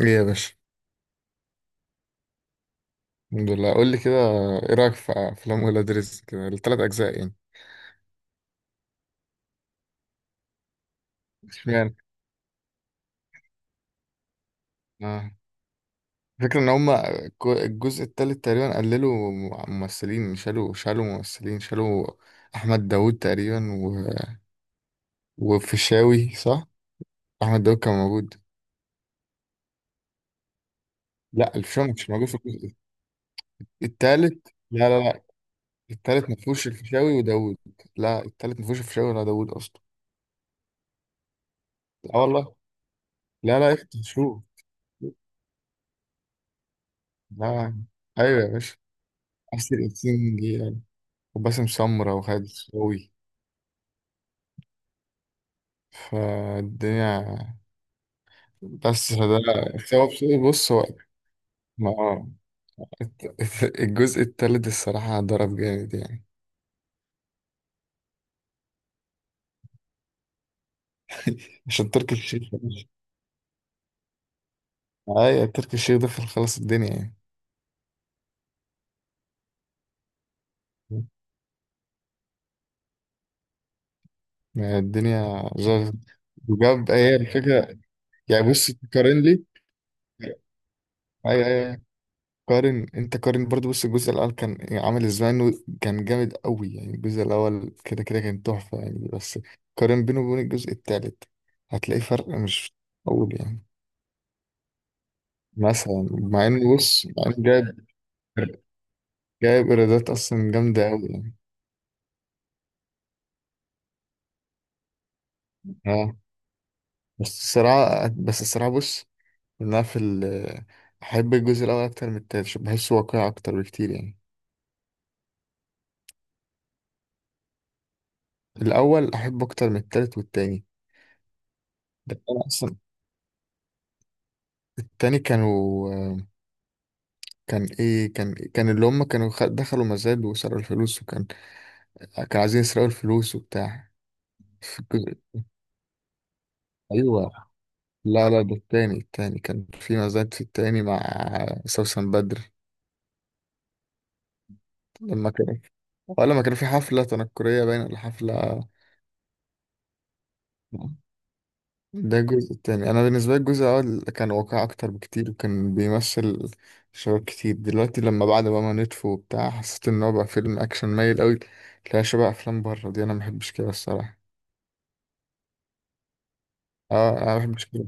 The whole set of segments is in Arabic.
ايه يا باشا. الحمد لله، قول لي كده. ايه رايك في افلام ولاد رزق كده الثلاث اجزاء يعني؟ اشمعنى آه. الفكره ان هم الجزء الثالث تقريبا قللوا ممثلين، شالوا ممثلين شالوا احمد داوود تقريبا وفيشاوي صح. احمد داوود كان موجود. لا، الفيشاوي مش موجود في الجزء الثالث. لا، الثالث ما فيهوش الفيشاوي وداوود. لا، الثالث ما فيهوش الفيشاوي ولا داوود اصلا. اه والله. لا افتح شوف. لا. ايوه يا باشا. احسن 20 جيجا. وباسم سمرة وخالد الصاوي فالدنيا. بس ده سبب سوي، بص هو ما الجزء التالت الصراحة ضرب جامد يعني. عشان تركي الشيخ. أيوة تركي الشيخ ده في، خلاص الدنيا يعني. ما الدنيا زغ وجاب، هي الفكرة. يعني بص تقارن لي. أيوة أيوة. قارن انت، قارن برضو، بص الجزء الاول كان عامل ازاي، انه كان جامد قوي يعني. الجزء الاول كده كان تحفه يعني. بس قارن بينه وبين الجزء التالت، هتلاقي فرق مش معقول يعني. مثلا مع انه بص، مع انه جايب، جايب ايرادات اصلا جامده قوي يعني. اه بس الصراحه، بص، انا في ال- احب الجزء الاول اكتر من التالت عشان بحسه واقعي اكتر بكتير يعني. الاول احبه اكتر من التالت والتاني. ده انا اصلا. التاني كانوا، كان ايه، كان اللي هم كانوا دخلوا مزاد وسرقوا الفلوس، وكان كانوا عايزين يسرقوا الفلوس وبتاع. في الجزء- ايوه. لا لا، ده التاني، التاني كان في مزاد، في التاني مع سوسن بدر لما كان، ولا لما كان في حفلة تنكرية باين، ولا حفلة. ده الجزء التاني. انا بالنسبة لي الجزء الاول كان واقعي اكتر بكتير، وكان بيمثل شباب كتير دلوقتي. لما بعد بقى ما نتفو وبتاع حسيت ان هو بقى فيلم اكشن مايل قوي، تلاقي شبه افلام بره، دي انا ما بحبش كده الصراحة. اه انا ما بحبش كده.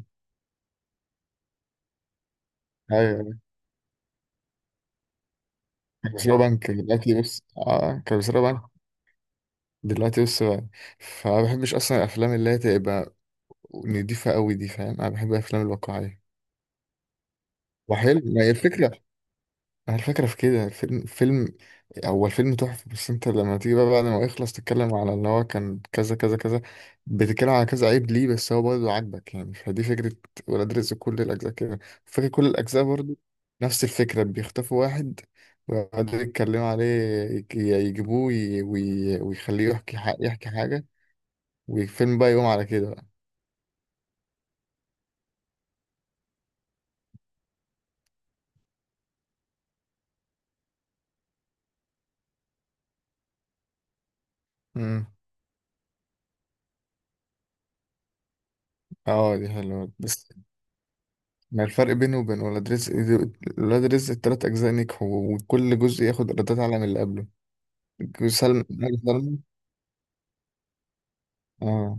ايوه كانوا بيسرقوا بنك دلوقتي بس، اه كانوا بيسرقوا بنك دلوقتي بس بقى. فما بحبش اصلا الافلام اللي هي تبقى نضيفه قوي دي، فاهم؟ انا بحب الافلام الواقعيه. وحلو، ما هي الفكره، هي الفكرة في كده، الفيلم فيلم، هو الفيلم تحفة. بس انت لما تيجي بقى بعد ما يخلص، تتكلم على ان هو كان كذا كذا كذا، بتتكلم على كذا عيب ليه بس هو برضه عاجبك يعني. فدي فكرة ولاد رزق كل الأجزاء كده، فكرة كل الأجزاء برضه نفس الفكرة. بيخطفوا واحد ويقعدوا يتكلموا عليه، يجيبوه ويخليه يحكي يحكي حاجة، والفيلم بقى يقوم على كده بقى. مم. اه دي حلوة. ما الفرق بينه وبين ولاد رزق؟ ولاد رزق التلات أجزاء نجحوا، وكل جزء ياخد إيرادات أعلى من اللي قبله. جزء سلم ناجح سلمى. آه.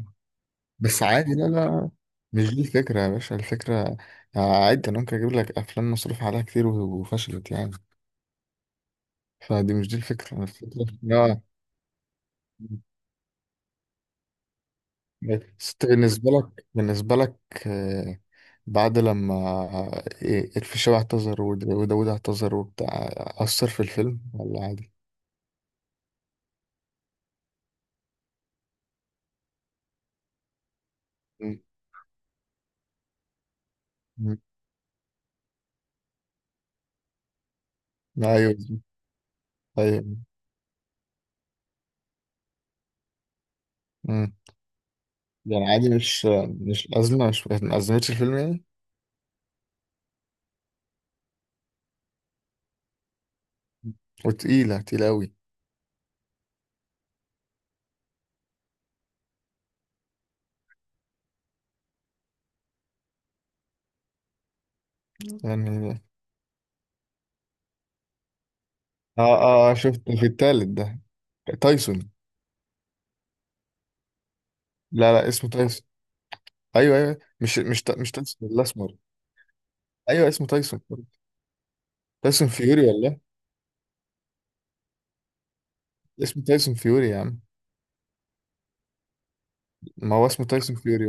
بس عادي، لا لا، مش دي الفكرة يا باشا. الفكرة آه، عادي، أنا ممكن أجيب لك أفلام مصروف عليها كتير وفشلت يعني. فدي مش دي الفكرة، الفكرة آه. بس أنت بالنسبة لك، بالنسبة لك آه، بعد لما آه، إيه، الفيشاوي اعتذر وداود اعتذر وبتاع، أثر في الفيلم ولا عادي؟ مم. مم. أيوه أيوه. امم يعني عادي، مش مش أزمة، مش ما أزمتش الفيلم يعني. وتقيلة تقيلة أوي يعني. اه اه آه، شفت في التالت ده، تايسون. لا لا، اسمه تايسون. أيوه أيوه، مش مش مش تايسون الأسمر. أيوه اسمه تايسون. تايسون فيوري والله. اسمه تايسون فيوري يا عم. ما هو اسمه تايسون فيوري.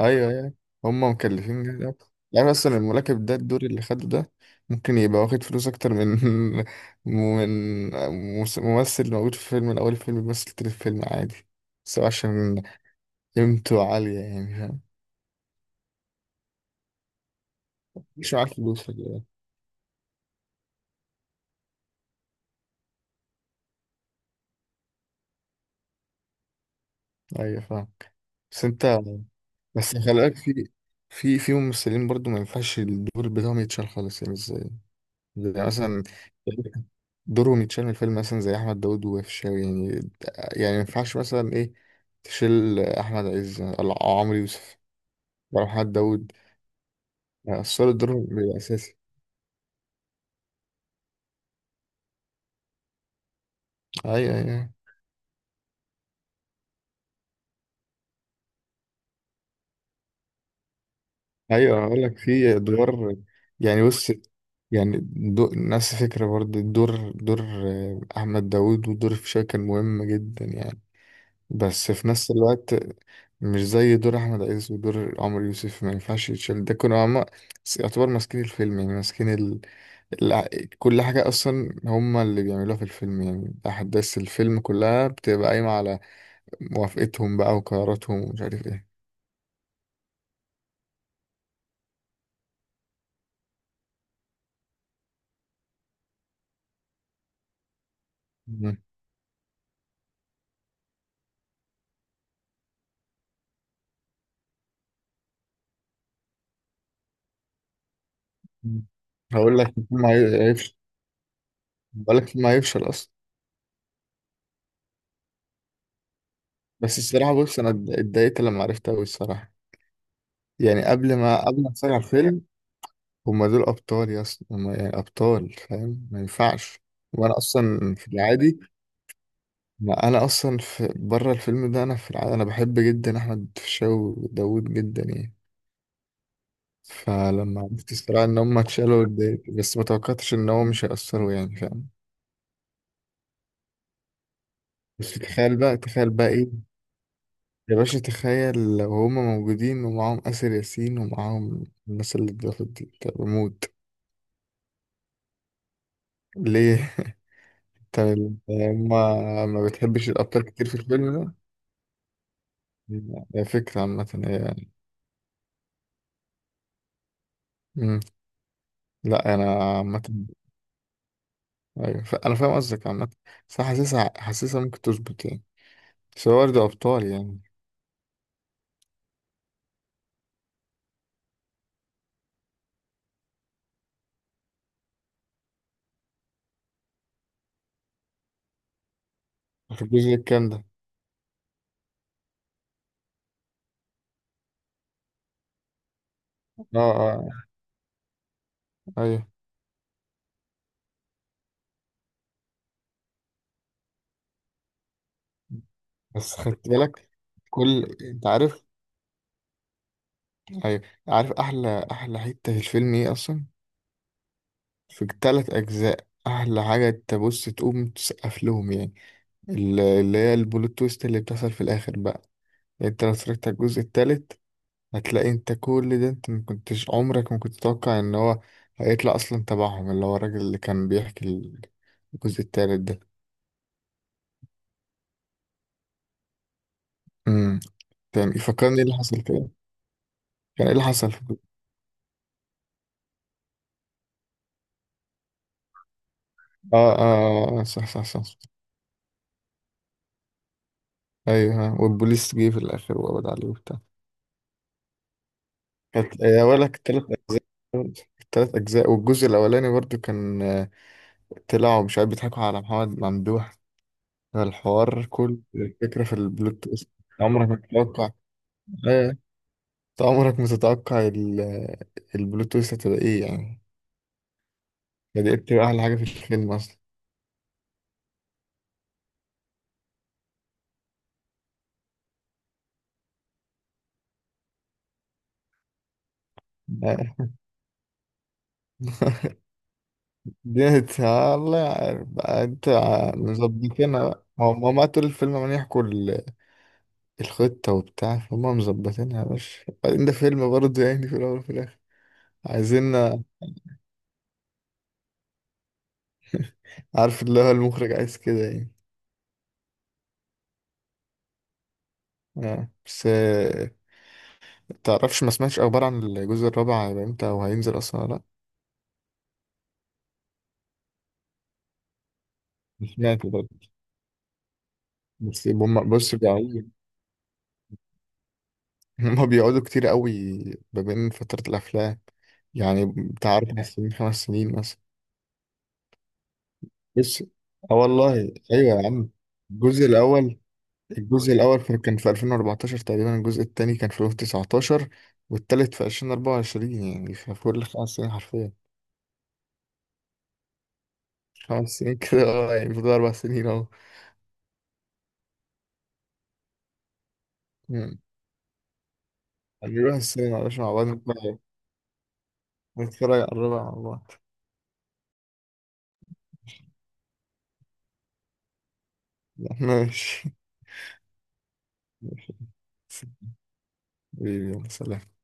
ايوه ايوه. هم مكلفين جامد أوي. يعني اصلا الملاكب ده، الدور اللي خده ده ممكن يبقى واخد فلوس اكتر من من ممثل موجود في فيلم من اول الفيلم بيمثل تاني الفيلم عادي، بس هو عشان قيمته عالية يعني، فاهم؟ مش معاه فلوس ولا إيه. ايوه فاهم. بس انت، بس خلي بالك، في ممثلين برضو ما ينفعش الدور بتاعهم يتشال خالص يعني. ازاي يعني؟ مثلا دوره متشال من الفيلم، مثلا زي احمد داود وفيشاوي يعني. يعني ما ينفعش مثلا ايه، تشيل احمد عز او عمرو يوسف ولا محمد داود، اثر الدور بيبقى اساسي. ايوه ايوه ايوه اقول لك في ادوار، يعني بص، يعني نفس الفكره برضه، الدور دور آه، احمد داود ودور فيشاوي كان مهم جدا يعني. بس في نفس الوقت مش زي دور احمد عز ودور عمرو يوسف، ما ينفعش يتشال، ده كانوا هما يعتبر ماسكين الفيلم يعني، ماسكين الع- كل حاجة أصلا هما اللي بيعملوها في الفيلم، يعني أحداث الفيلم كلها بتبقى قايمة على موافقتهم بقى وقراراتهم ومش عارف إيه. مم. مم. هقول لك الفيلم هيفشل، هقول لك الفيلم هيفشل أصلا. بس الصراحة بص، أنا اتضايقت لما عرفت أوي الصراحة، يعني قبل ما أتفرج على الفيلم. هما دول أبطال يا أصلا، هما يعني أبطال، فاهم، ما ينفعش. وأنا أصلا في العادي، ما أنا أصلا في بره الفيلم ده، أنا في العادي أنا بحب جدا أحمد فيشاو وداوود جدا يعني. فلما عرفت الصراحة إن هم اتشالوا اتضايقت، بس ما توقعتش إن هو مش هيأثروا يعني، فاهم؟ بس تخيل بقى تخيل بقى إيه يا باشا، تخيل لو هم موجودين ومعاهم آسر ياسين ومعاهم الناس اللي اتضافت دي، طب بموت. ليه؟ طب هم، ما بتحبش الأبطال كتير في الفيلم ده؟ لا، هي فكرة عامة هي يعني. مم. لا أنا عامة، أيوة أنا فاهم قصدك عامة، بس أنا حاسسها حاسسها ممكن تظبط يعني، بس هو برضه أبطال يعني. في الجزء الكام ده؟ اه اه. ايوه. بس خدت بالك؟ كل انت عارف أي- عارف، احلى حته في الفيلم ايه اصلا في التلات اجزاء؟ احلى حاجه تبص تقوم تسقف لهم يعني، اللي هي البلوت تويست اللي بتحصل في الاخر بقى. يعني انت لو اتفرجت على الجزء التالت هتلاقي انت كل ده، انت ما كنتش عمرك، ما كنت تتوقع ان هو هيطلع اصلا تبعهم، اللي هو الراجل اللي كان بيحكي الجزء التالت ده. امم تمام، فكرني ايه اللي حصل كده، كان ايه اللي حصل اه اه آه، آه، صح صح صح. ايوه ها، والبوليس جه في الاخر وقبض عليه وبتاع. كانت يا ولك التلات أجزاء، التلات اجزاء. والجزء الاولاني برضو كان آه، طلعوا مش عارف بيضحكوا على محمد ممدوح، الحوار كل الفكره في البلوت تويست. عمرك ما تتوقع. ايوه، انت عمرك ما تتوقع البلوت تويست هتبقى ايه يعني. ده دي بتبقى احلى حاجه في الفيلم اصلا. آه، دي هت- الله يعرف بقى انت مظبطينها بقى، هو ما طول الفيلم عمال يحكوا الخطة وبتاع، فهم مظبطينها يا باشا. بعدين ده فيلم برضه يعني، في الأول وفي الآخر عايزين، عارف اللي هو المخرج عايز كده يعني. بس آه، تعرفش ما سمعتش أخبار عن الجزء الرابع هيبقى إمتى أو هينزل أصلا ولا لأ؟ سمعت برضه. بس هم بص بيقعدوا، هم بيقعدوا كتير قوي ما بين فترة الأفلام، يعني بتاع 4 سنين 5 سنين مثلا. بس اه والله. أيوه يا عم. الجزء الأول، الجزء الأول كان في 2014 تقريبا، الجزء التاني كان في 2019، والتالت في 2024، يعني في كل 5 سنين حرفيا. 5 سنين كده، اه يعني فضل 4 سنين أهو. مم. هنروح السينما يا باشا مع بعض نتفرج، نتفرج على الربع مع بعض. ماشي. ماشي حبيبي، يلا سلام.